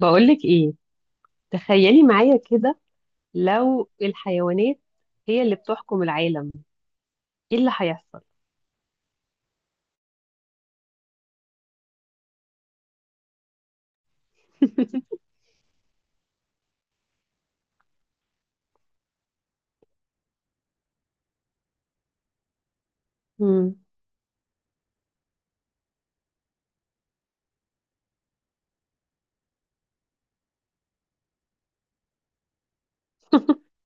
بقولك ايه؟ تخيلي معايا كده، لو الحيوانات هي اللي بتحكم العالم، ايه اللي هيحصل؟ مم.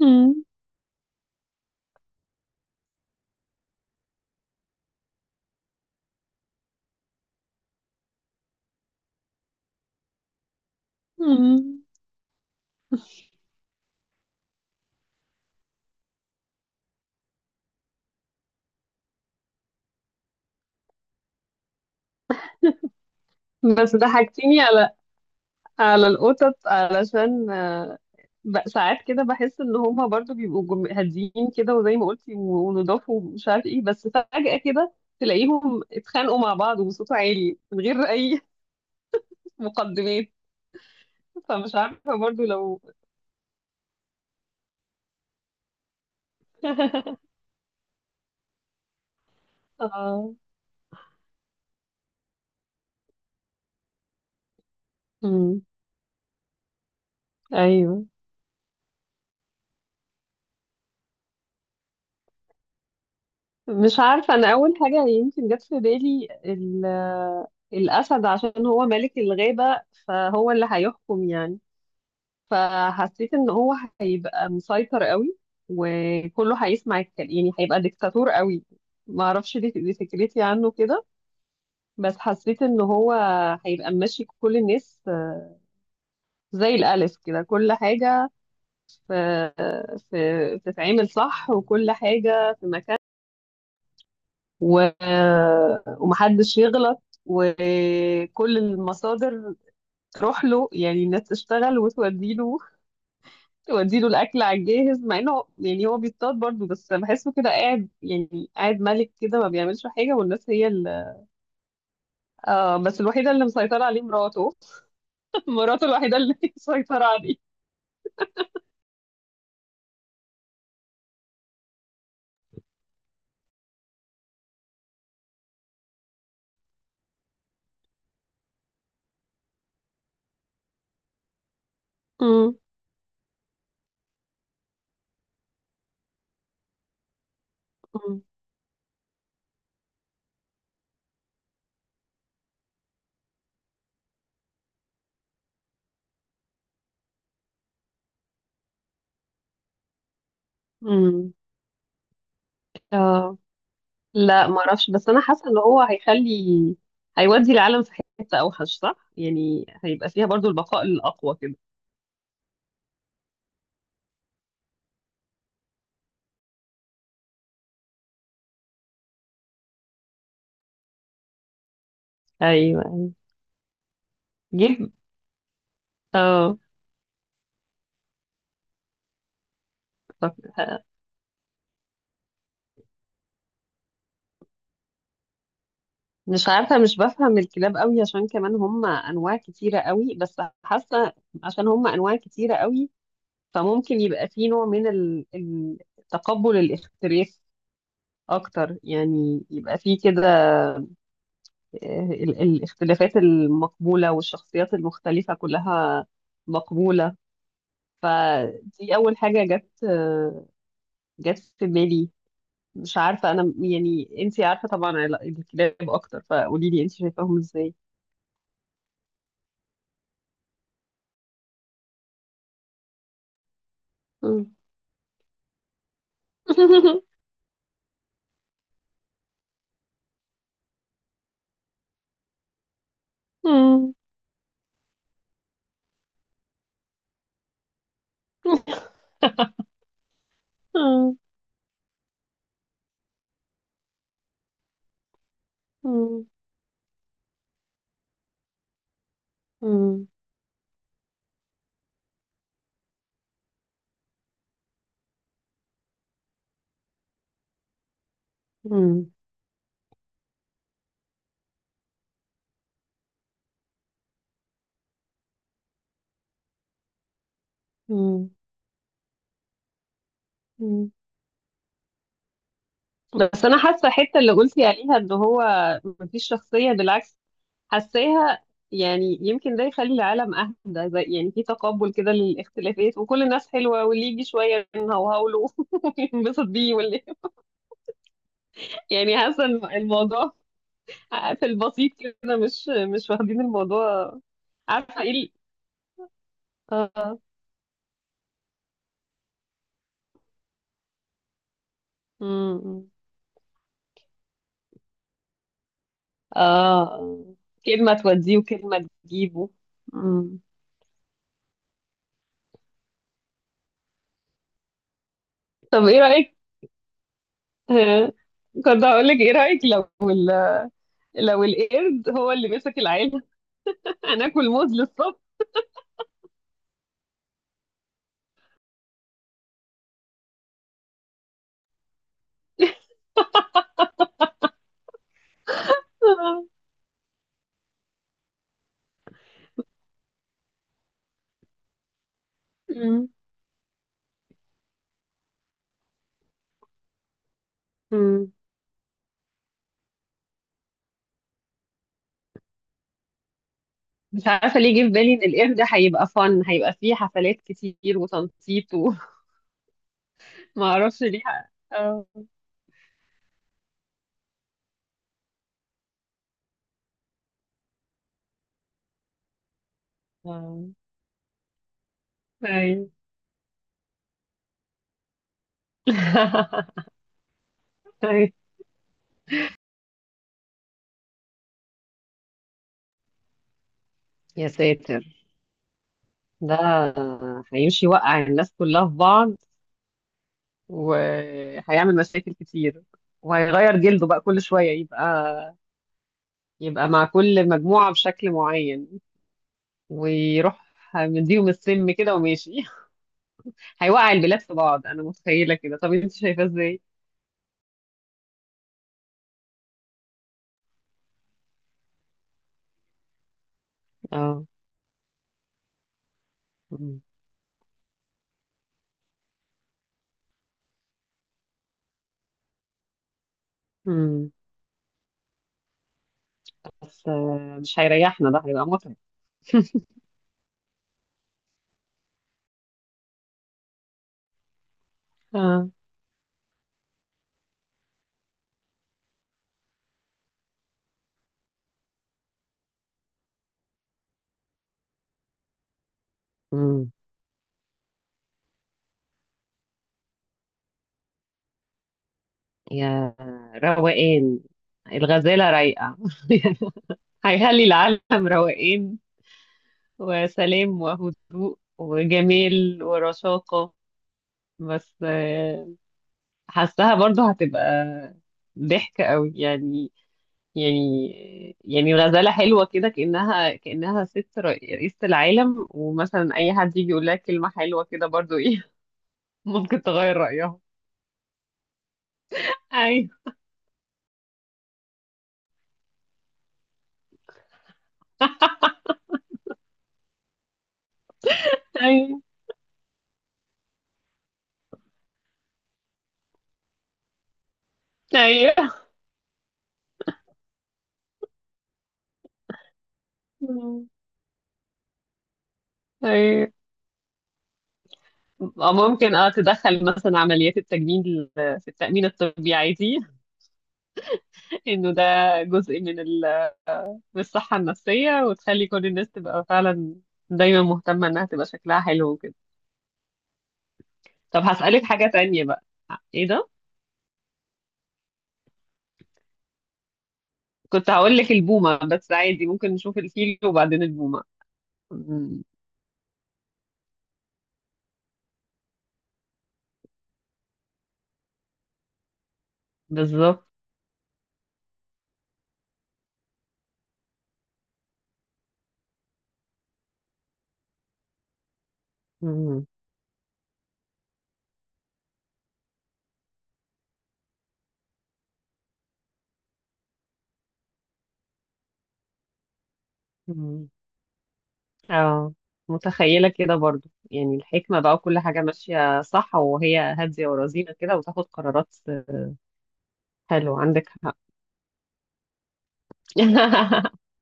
مم. مم. بس ضحكتيني على على القطط علشان ساعات كده بحس ان هما برضو بيبقوا هاديين كده، وزي ما قلتي ونضاف ومش عارف ايه، بس فجأة كده تلاقيهم اتخانقوا مع بعض وبصوت عالي من غير اي مقدمات. فمش عارفة برضو لو اه. مم. ايوه. مش عارفة، أنا أول حاجة يمكن جت في بالي الأسد، عشان هو ملك الغابة، فهو اللي هيحكم يعني. فحسيت إن هو هيبقى مسيطر قوي، وكله هيسمع الكلام، يعني هيبقى ديكتاتور قوي. ما أعرفش، دي فكرتي عنه كده. بس حسيت إن هو هيبقى ماشي كل الناس زي الألف كده، كل حاجة في بتتعمل صح، وكل حاجة في مكان، و... ومحدش يغلط، وكل المصادر تروح له، يعني الناس تشتغل وتوديله، توديله الأكل على الجاهز، مع إنه يعني هو بيصطاد برضه، بس بحسه كده قاعد يعني قاعد ملك كده، ما بيعملش حاجة، والناس هي آه. بس الوحيدة اللي مسيطرة عليه مراته. مراته الوحيدة اللي مسيطرة عليه. امم. امم. آه. لا، ما اعرفش، بس انا حاسه ان هو هيخلي، هيودي العالم في حته اوحش، صح؟ يعني هيبقى فيها برضو البقاء الاقوى كده. ايوه، ايوه. جيب. اه. طب مش عارفه، مش بفهم الكلاب قوي، عشان كمان هم انواع كتيره قوي، بس حاسه عشان هم انواع كتيره قوي فممكن يبقى في نوع من تقبل الاختلاف اكتر، يعني يبقى في كده الاختلافات المقبوله والشخصيات المختلفه كلها مقبوله. فدي اول حاجه جت جت في بالي. مش عارفه انا، يعني انتي عارفه طبعا الكلاب اكتر، فقولي لي انتي شايفاهم ازاي. مم. مم. مم. مم. مم. مم. مم. بس انا حاسه الحته اللي قلتي عليها ان هو مفيش شخصيه، بالعكس حاساها، يعني يمكن ده يخلي العالم اهدى، زي يعني في تقبل كده للاختلافات، وكل الناس حلوه، واللي يجي شويه نهوهوله وينبسط بيه، واللي يعني حاسه إن الموضوع في البسيط كده، مش مش واخدين الموضوع. عارفه ايه اه. امم. اه. آه. كلمه توديه وكلمه تجيبه. امم. طب ايه رايك؟ آه، كنت هقول لك ايه رايك لو لو القرد هو اللي مسك العيله. هناكل موز للصبح. آه. مم. مم. مش عارفه ليه جه في بالي ان القرد هيبقى فن، هيبقى فيه حفلات كتير وتنطيط، وما اعرفش ليه. اه. آه. أيوة. يا ساتر! ده هيمشي يوقع الناس كلها في بعض، وهيعمل مشاكل كتير، وهيغير جلده بقى كل شوية، يبقى يبقى مع كل مجموعة بشكل معين، ويروح مديهم السم كده وماشي. هيوقع البلاد في بعض أنا متخيلة كده. طب أنت شايفاه إزاي؟ اه. مم. مم. بس مش هيريحنا، ده هيبقى متعب. اه. مم. يا روقان! الغزالة رايقة. هيخلي العالم روقان، وسلام وهدوء وجمال ورشاقة. بس حاساها برضو هتبقى ضحك قوي يعني. يعني يعني غزالة حلوة كده، كأنها كأنها ست رئيسة العالم، ومثلا أي حد يجي يقول لها كلمة حلوة كده برضو إيه ممكن تغير رأيها. أيوه، أيوه. أيوه، أيوه. أو ممكن اه تدخل مثلا عمليات التجميل في التأمين الطبي عادي، انه ده جزء من من الصحة النفسية، وتخلي كل الناس تبقى فعلا دايما مهتمة انها تبقى شكلها حلو وكده. طب هسألك حاجة تانية بقى. ايه ده؟ كنت هقول لك البومة، بس عادي ممكن نشوف الفيل وبعدين البومة. مم. بالظبط. مم. مم. اه، متخيلة كده برضو يعني الحكمة بقى، وكل حاجة ماشية صح، وهي هادية ورزينة كده وتاخد قرارات حلوة. عندك حق.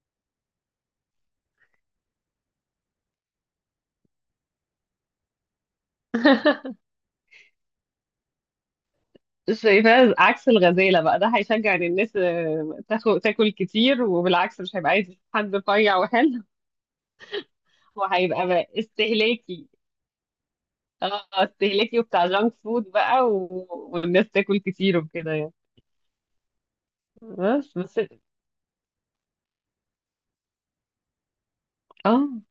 شايفاه عكس الغزالة بقى، ده هيشجع ان الناس تاخد تاكل كتير، وبالعكس مش هيبقى عايز حد رفيع وحلو. وهيبقى بقى استهلاكي. اه استهلاكي، وبتاع جانك فود بقى والناس تاكل كتير وكده يعني. بس بس. اه.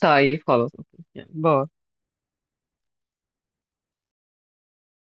طيب خلاص اوكي، يعني باي.